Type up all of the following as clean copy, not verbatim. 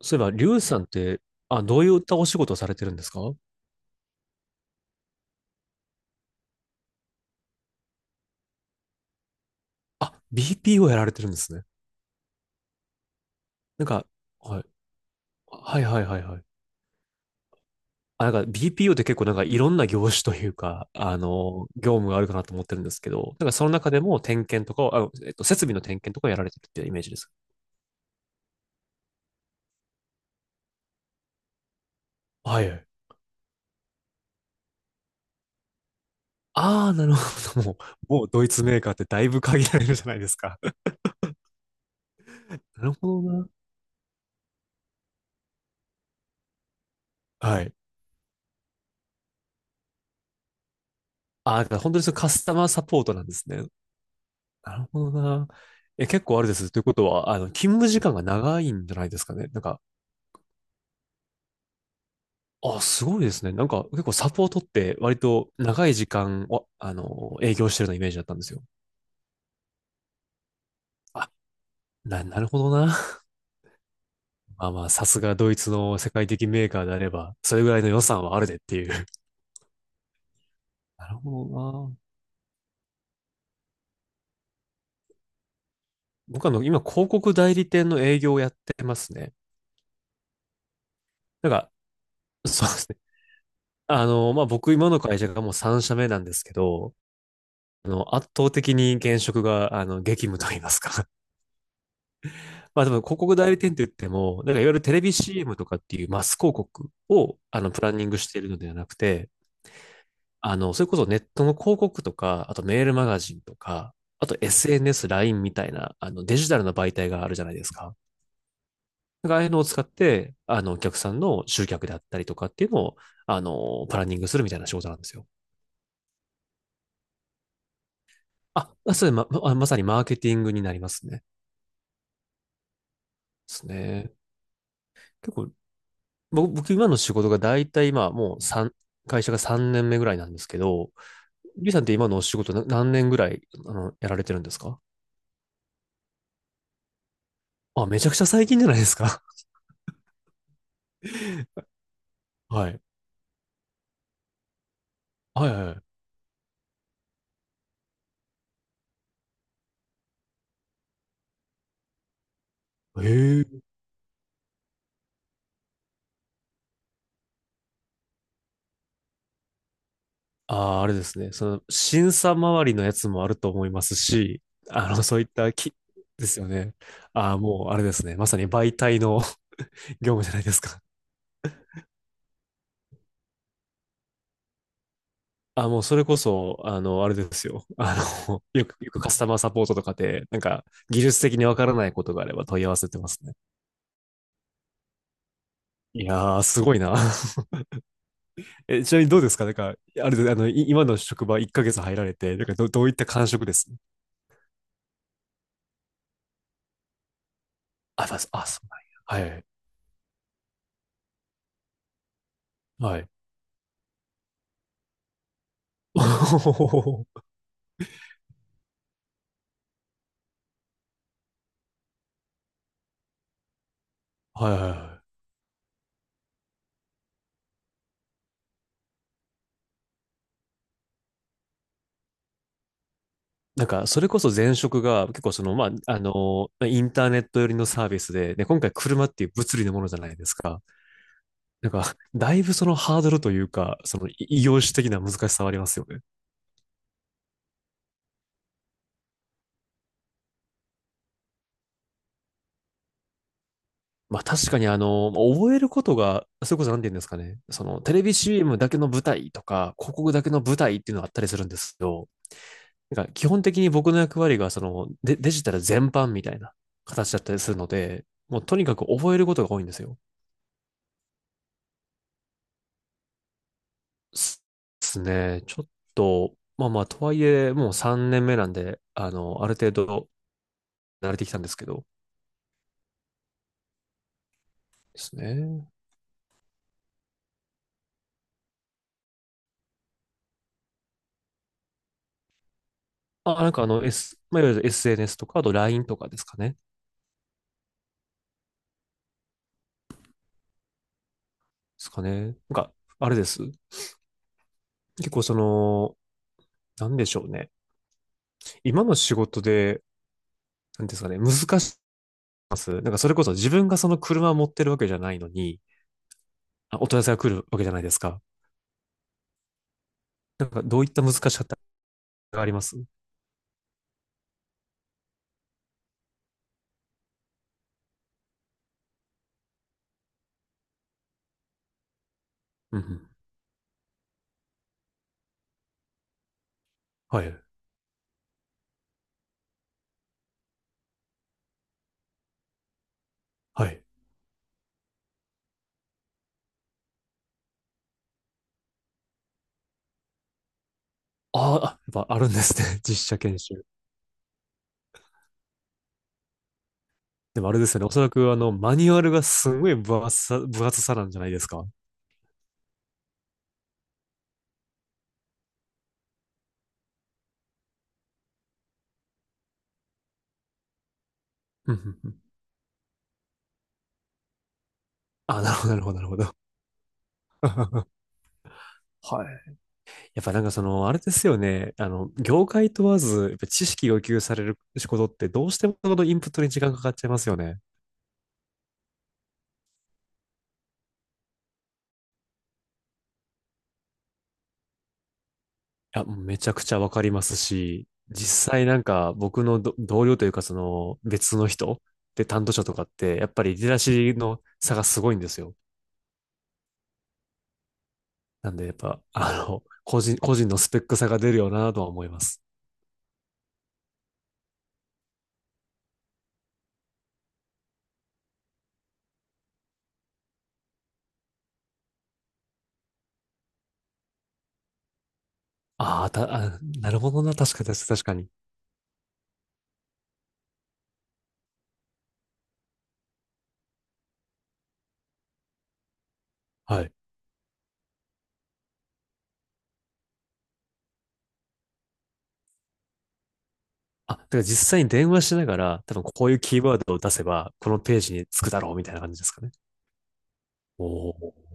そういえば、リュウさんって、あ、どういったお仕事をされてるんですか？あ、BPO やられてるんですね。なんか、はい、はいはいはいはい。あ、なんか BPO って結構なんかいろんな業種というか、業務があるかなと思ってるんですけど、なんかその中でも点検とかを、あ、設備の点検とかをやられてるっていうイメージです。はい。ああ、なるほど。もうドイツメーカーってだいぶ限られるじゃないですか。なるほどな。はい。ああ、だから本当にそのカスタマーサポートなんですね。なるほどな。え、結構あれです。ということは、勤務時間が長いんじゃないですかね。なんか、あ、すごいですね。なんか、結構サポートって割と長い時間を、営業してるようなイメージだったんですよ。あ、なるほどな。まあまあ、さすがドイツの世界的メーカーであれば、それぐらいの予算はあるでっていう。なるほどな。僕今、広告代理店の営業をやってますね。なんか、そうですね。まあ僕、今の会社がもう3社目なんですけど、圧倒的に現職が、激務と言いますか。まあでも、広告代理店と言っても、なんかいわゆるテレビ CM とかっていうマス広告を、プランニングしているのではなくて、それこそネットの広告とか、あとメールマガジンとか、あと SNS、LINE みたいな、デジタルな媒体があるじゃないですか。なんかああいうのを使って、お客さんの集客であったりとかっていうのを、プランニングするみたいな仕事なんですよ。あ、あそれま、ままさにマーケティングになりますね。ですね。結構僕今の仕事が大体今もう会社が3年目ぐらいなんですけど、リュウさんって今のお仕事な何年ぐらい、やられてるんですか？あ、めちゃくちゃ最近じゃないですか。はい。はいはいはいへえ。あああれですね。その、審査周りのやつもあると思いますし、そういったき、ですよね。ああもうあれですね。まさに媒体の 業務じゃないですか。あ、もうそれこそ、あれですよ。よくカスタマーサポートとかで、なんか、技術的にわからないことがあれば問い合わせてますね。いやー、すごいな。え、ちなみにどうですかなんか、あれで、今の職場1ヶ月入られて、なんかどういった感触です？あ、まあ、そうなんや。はい。はい。はいはいはい。なんか、それこそ前職が結構まあ、インターネット寄りのサービスで、で、今回車っていう物理のものじゃないですか。なんか、だいぶそのハードルというか、その異業種的な難しさはありますよね。まあ確かに覚えることが、それこそなて言うんですかね。そのテレビ CM だけの舞台とか、広告だけの舞台っていうのがあったりするんですけど、なんか基本的に僕の役割がそのデジタル全般みたいな形だったりするので、もうとにかく覚えることが多いんですよ。すですね。ちょっと、まあまあ、とはいえ、もう3年目なんで、ある程度慣れてきたんですけど、ですね。あ、なんかまあ、いわゆる SNS とか、あと LINE とかですかね。なんか、あれです。結構なんでしょうね。今の仕事で、なんていうんですかね、難しいです。なんかそれこそ自分がその車を持ってるわけじゃないのに、あ、お問い合わせが来るわけじゃないですか。なんかどういった難しさってあります？うん、うん。はい。はい。あーあ、やっぱあるんですね。実写研修。でもあれですよね。おそらくマニュアルがすごい分厚さ、分厚さなんじゃないですか。うんうんうん。あ、なるほど、なるほど、なるほど。はい。やっぱなんかあれですよね。業界問わず、やっぱ知識要求される仕事ってどうしてもそのインプットに時間かかっちゃいますよね。いや、めちゃくちゃわかりますし、実際なんか僕の同僚というかその別の人で担当者とかって、やっぱりリテラシーの差がすごいんですよ。なんでやっぱ、個人、個人のスペック差が出るよなとは思います。あーた、あ、なるほどな。確かに、確かに。はい。あ、だから実際に電話しながら、多分こういうキーワードを出せば、このページにつくだろうみたいな感じですかね。おお。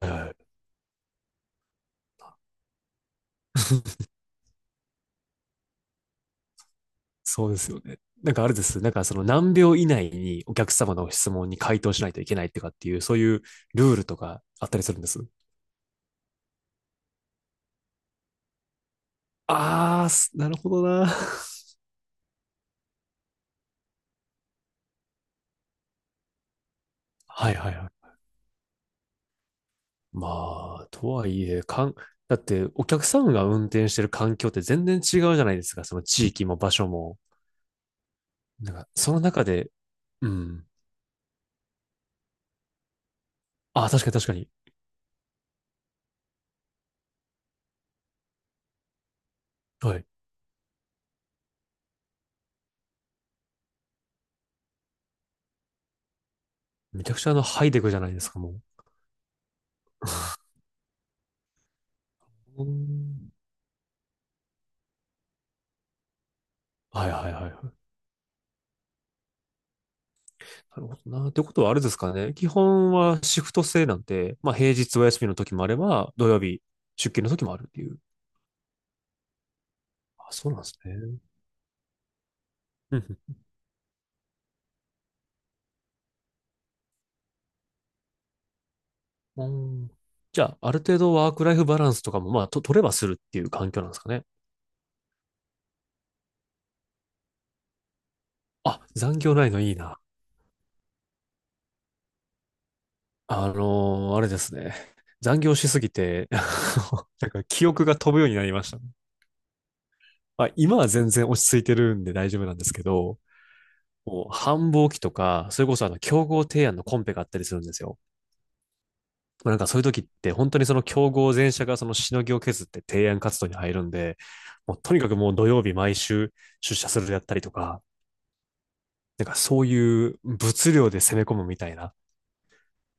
はいはい。そうですよね。なんかあれです。なんかその何秒以内にお客様の質問に回答しないといけないとかっていう、そういうルールとかあったりするんです？ああ、なるほどな。はいはいはい。まあ、とはいえ、だってお客様が運転してる環境って全然違うじゃないですか。その地域も場所も。なんか、その中で、うん。ああ、確かに確かに。はい。めちゃくちゃハイデクじゃないですか、もう。うーんはいはいはいはい。なるほどな。ってことはあれですかね。基本はシフト制なんて、まあ平日お休みの時もあれば、土曜日出勤の時もあるっていう。あ、そうなんですね。うんうん。うんじゃあ、ある程度ワークライフバランスとかも、まあ、取ればするっていう環境なんですかね？あ、残業ないのいいな。あれですね。残業しすぎて、なんか記憶が飛ぶようになりましたね。まあ、今は全然落ち着いてるんで大丈夫なんですけど、もう繁忙期とか、それこそ競合提案のコンペがあったりするんですよ。まあなんかそういう時って本当にその競合全社がそのしのぎを削って提案活動に入るんで、もうとにかくもう土曜日毎週出社するやったりとか、なんかそういう物量で攻め込むみたいな、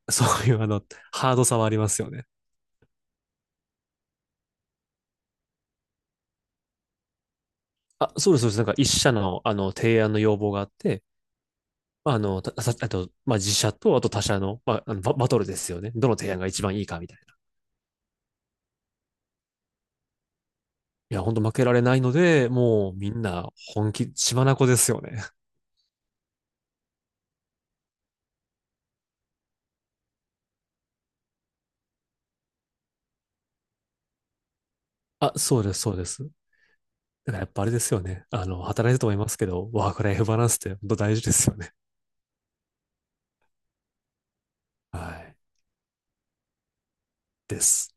そういうハードさはありますよね。あ、そうです、そうです。なんか一社のあの提案の要望があって、まああと、まあ自社とあと他社の、まあ、バトルですよね。どの提案が一番いいかみたいな。いや、ほんと負けられないので、もうみんな本気、血眼ですよね。あ、そうです、そうです。だからやっぱあれですよね。働いてると思いますけど、ワークライフバランスって本当大事ですよね。はい。です。